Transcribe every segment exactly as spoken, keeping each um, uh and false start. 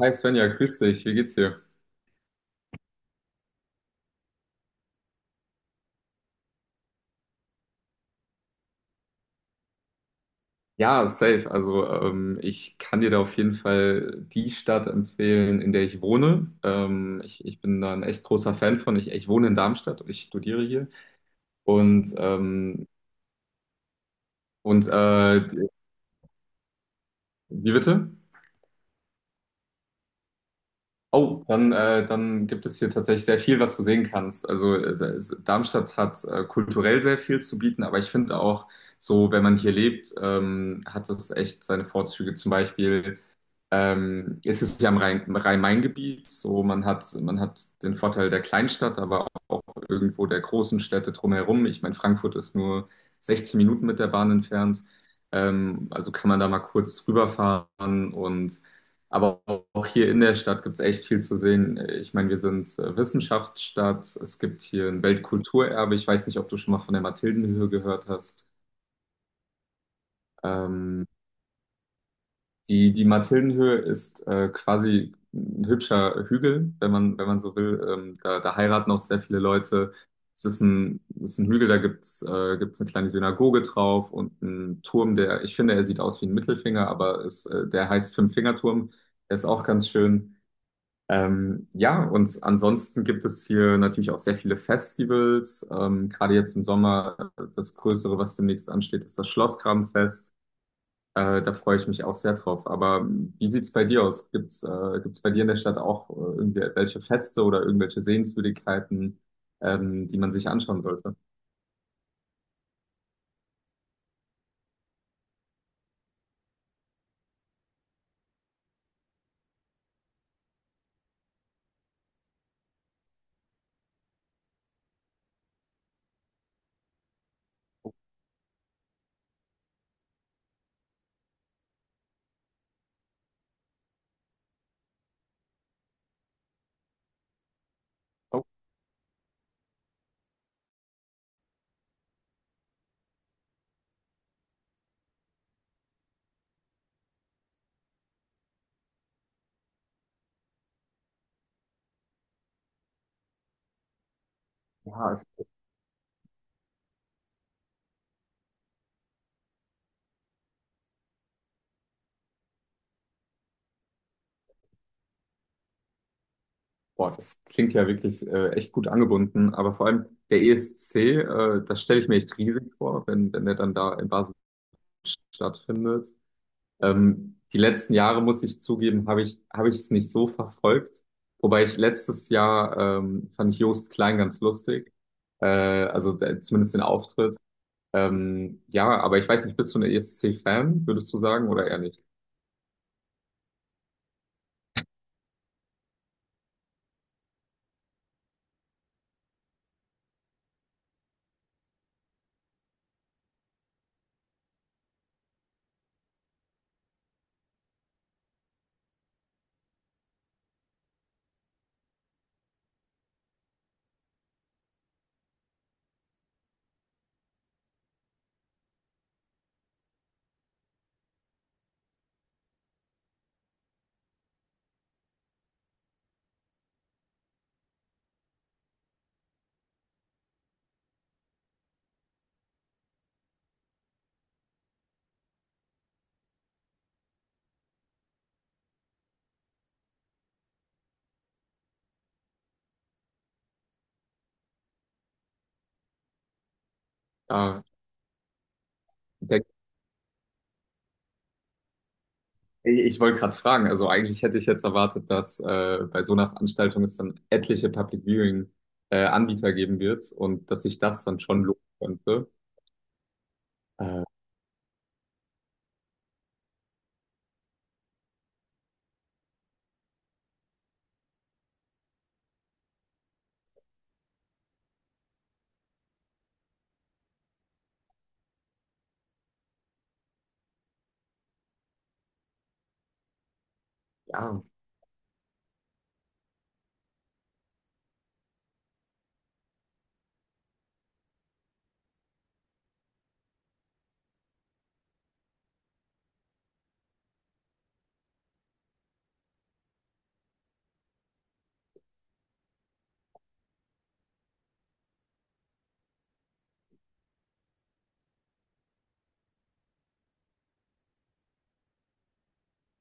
Hi Svenja, grüß dich, wie geht's dir? Ja, safe. Also ähm, ich kann dir da auf jeden Fall die Stadt empfehlen, in der ich wohne. Ähm, ich, ich bin da ein echt großer Fan von. Ich, ich wohne in Darmstadt und ich studiere hier. Und, ähm, und äh, wie bitte? Oh, dann, äh, dann gibt es hier tatsächlich sehr viel, was du sehen kannst. Also es, es, Darmstadt hat äh, kulturell sehr viel zu bieten, aber ich finde auch so, wenn man hier lebt, ähm, hat es echt seine Vorzüge. Zum Beispiel Ähm, es ist ja im Rhein- Rhein-Main-Gebiet, so man hat, man hat den Vorteil der Kleinstadt, aber auch irgendwo der großen Städte drumherum. Ich meine, Frankfurt ist nur 16 Minuten mit der Bahn entfernt, ähm, also kann man da mal kurz rüberfahren und aber auch hier in der Stadt gibt es echt viel zu sehen. Ich meine, wir sind äh, Wissenschaftsstadt, es gibt hier ein Weltkulturerbe. Ich weiß nicht, ob du schon mal von der Mathildenhöhe gehört hast. Ähm, Die, die Mathildenhöhe ist äh, quasi ein hübscher Hügel, wenn man, wenn man so will. Ähm, da, da heiraten auch sehr viele Leute. Es ist ein, es ist ein Hügel, da gibt's äh, gibt's eine kleine Synagoge drauf und einen Turm, der, ich finde, er sieht aus wie ein Mittelfinger, aber es, äh, der heißt Fünffingerturm. Der ist auch ganz schön. Ähm, ja, und ansonsten gibt es hier natürlich auch sehr viele Festivals. Ähm, gerade jetzt im Sommer, äh, das Größere, was demnächst ansteht, ist das Schlossgrabenfest. Äh, da freue ich mich auch sehr drauf. Aber ähm, wie sieht's bei dir aus? Gibt's, äh, gibt's bei dir in der Stadt auch äh, irgendwelche Feste oder irgendwelche Sehenswürdigkeiten, ähm, die man sich anschauen sollte? Oh, ja, es, boah, das klingt ja wirklich äh, echt gut angebunden. Aber vor allem der E S C, äh, das stelle ich mir echt riesig vor, wenn, wenn der dann da in Basel stattfindet. Ähm, die letzten Jahre, muss ich zugeben, habe ich, habe ich es nicht so verfolgt. Wobei ich letztes Jahr ähm, fand ich Joost Klein ganz lustig. Äh, also äh, zumindest den Auftritt. Ähm, ja, aber ich weiß nicht, bist du ein E S C-Fan, würdest du sagen, oder eher nicht? Ja, der, ich wollte gerade fragen, also eigentlich hätte ich jetzt erwartet, dass äh, bei so einer Veranstaltung es dann etliche Public Viewing äh, Anbieter geben wird und dass sich das dann schon lohnen könnte. Äh, ja.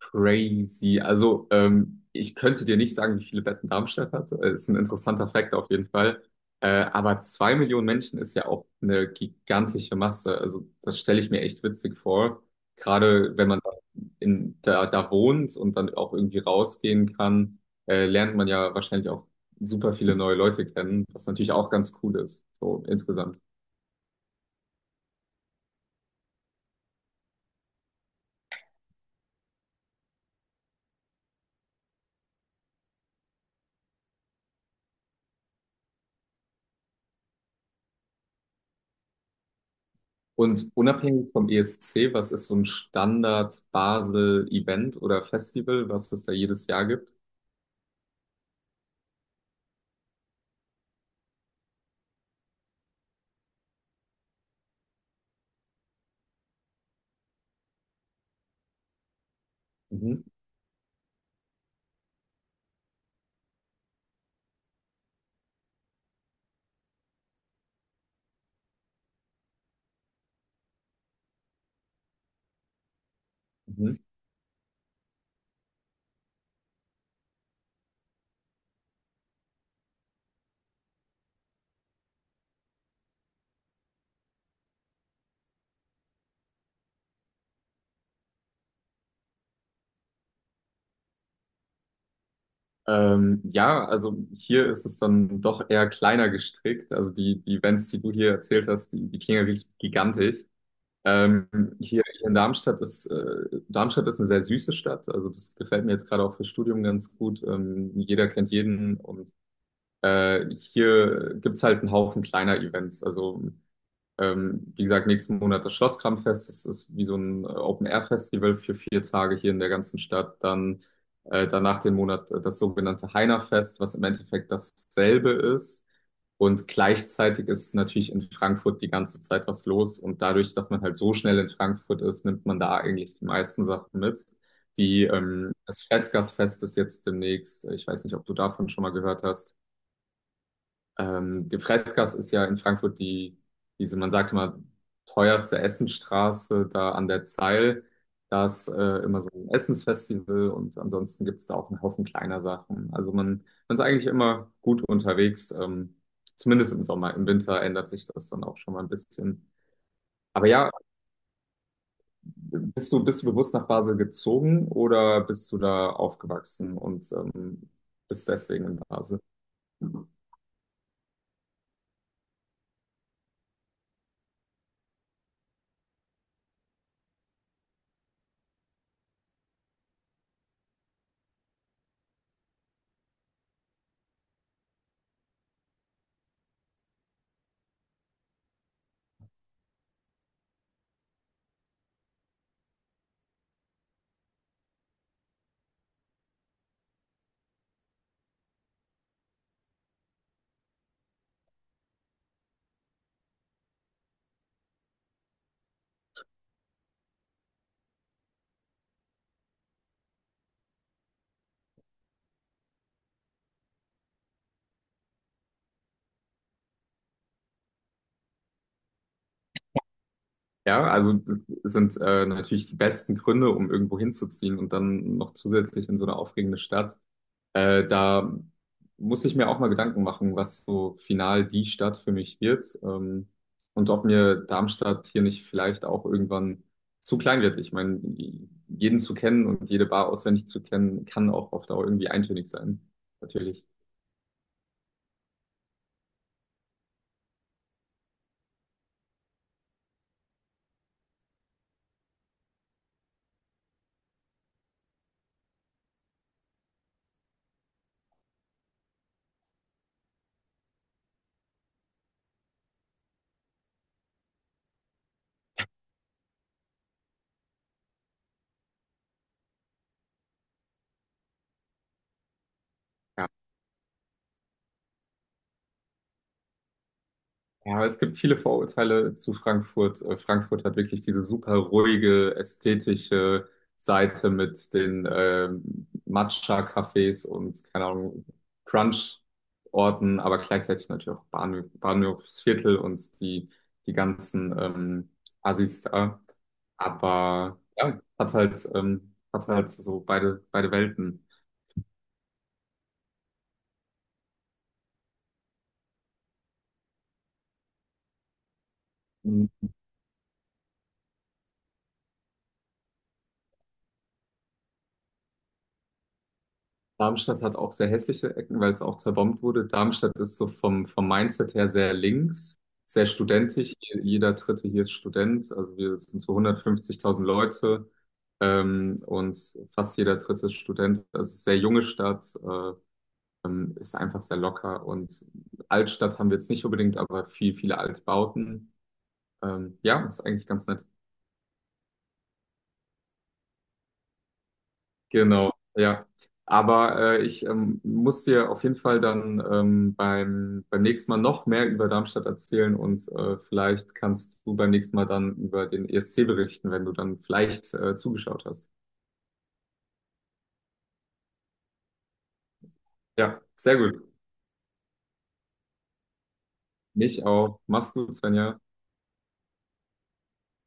Crazy. Also, ähm, ich könnte dir nicht sagen, wie viele Betten Darmstadt hat. Äh, Ist ein interessanter Fakt auf jeden Fall. Äh, aber zwei Millionen Menschen ist ja auch eine gigantische Masse. Also, das stelle ich mir echt witzig vor. Gerade wenn man da in, da, da wohnt und dann auch irgendwie rausgehen kann, äh, lernt man ja wahrscheinlich auch super viele neue Leute kennen, was natürlich auch ganz cool ist, so insgesamt. Und unabhängig vom E S C, was ist so ein Standard-Basel-Event oder Festival, was es da jedes Jahr gibt? Mhm, mhm. Ähm, ja, also hier ist es dann doch eher kleiner gestrickt. Also die, die Events, die du hier erzählt hast, die, die klingen ja richtig gigantisch. Ähm, hier, hier in Darmstadt ist, äh, Darmstadt ist eine sehr süße Stadt. Also das gefällt mir jetzt gerade auch fürs Studium ganz gut. Ähm, jeder kennt jeden und äh, hier gibt's halt einen Haufen kleiner Events. Also Ähm, wie gesagt, nächsten Monat das Schlosskramfest. Das ist wie so ein äh, Open-Air-Festival für vier Tage hier in der ganzen Stadt. Dann äh, danach den Monat äh, das sogenannte Heinerfest, was im Endeffekt dasselbe ist. Und gleichzeitig ist natürlich in Frankfurt die ganze Zeit was los. Und dadurch, dass man halt so schnell in Frankfurt ist, nimmt man da eigentlich die meisten Sachen mit. Wie ähm, das Freßgassfest ist jetzt demnächst. äh, Ich weiß nicht, ob du davon schon mal gehört hast. Ähm, die Freisgasse ist ja in Frankfurt die, diese, man sagt immer, teuerste Essenstraße da an der Zeil. Da ist äh, immer so ein Essensfestival und ansonsten gibt's da auch einen Haufen kleiner Sachen. Also man, man ist eigentlich immer gut unterwegs, ähm, zumindest im Sommer. Im Winter ändert sich das dann auch schon mal ein bisschen. Aber ja, bist du, bist du bewusst nach Basel gezogen oder bist du da aufgewachsen und ähm, bist deswegen in Basel? Ja, also das sind äh, natürlich die besten Gründe, um irgendwo hinzuziehen und dann noch zusätzlich in so eine aufregende Stadt. Äh, da muss ich mir auch mal Gedanken machen, was so final die Stadt für mich wird ähm, und ob mir Darmstadt hier nicht vielleicht auch irgendwann zu klein wird. Ich meine, jeden zu kennen und jede Bar auswendig zu kennen, kann auch auf Dauer irgendwie eintönig sein, natürlich. Ja, es gibt viele Vorurteile zu Frankfurt. Äh, Frankfurt hat wirklich diese super ruhige, ästhetische Seite mit den ähm, Matcha-Cafés und, keine Ahnung, Crunch-Orten, aber gleichzeitig natürlich auch Bahnhof, Bahnhofsviertel und die, die ganzen ähm, Assis da. Aber ja, hat halt, ähm, hat halt so beide, beide Welten. Darmstadt hat auch sehr hässliche Ecken, weil es auch zerbombt wurde. Darmstadt ist so vom, vom Mindset her sehr links, sehr studentisch. Je- Jeder Dritte hier ist Student. Also wir sind so hundertfünfzigtausend Leute ähm, und fast jeder Dritte ist Student. Das ist eine sehr junge Stadt, äh, ähm, ist einfach sehr locker. Und Altstadt haben wir jetzt nicht unbedingt, aber viel, viele Altbauten. Ähm, ja, ist eigentlich ganz nett. Genau, ja. Aber äh, ich ähm, muss dir auf jeden Fall dann ähm, beim, beim nächsten Mal noch mehr über Darmstadt erzählen und äh, vielleicht kannst du beim nächsten Mal dann über den E S C berichten, wenn du dann vielleicht äh, zugeschaut hast. Ja, sehr gut. Mich auch. Mach's gut, Svenja.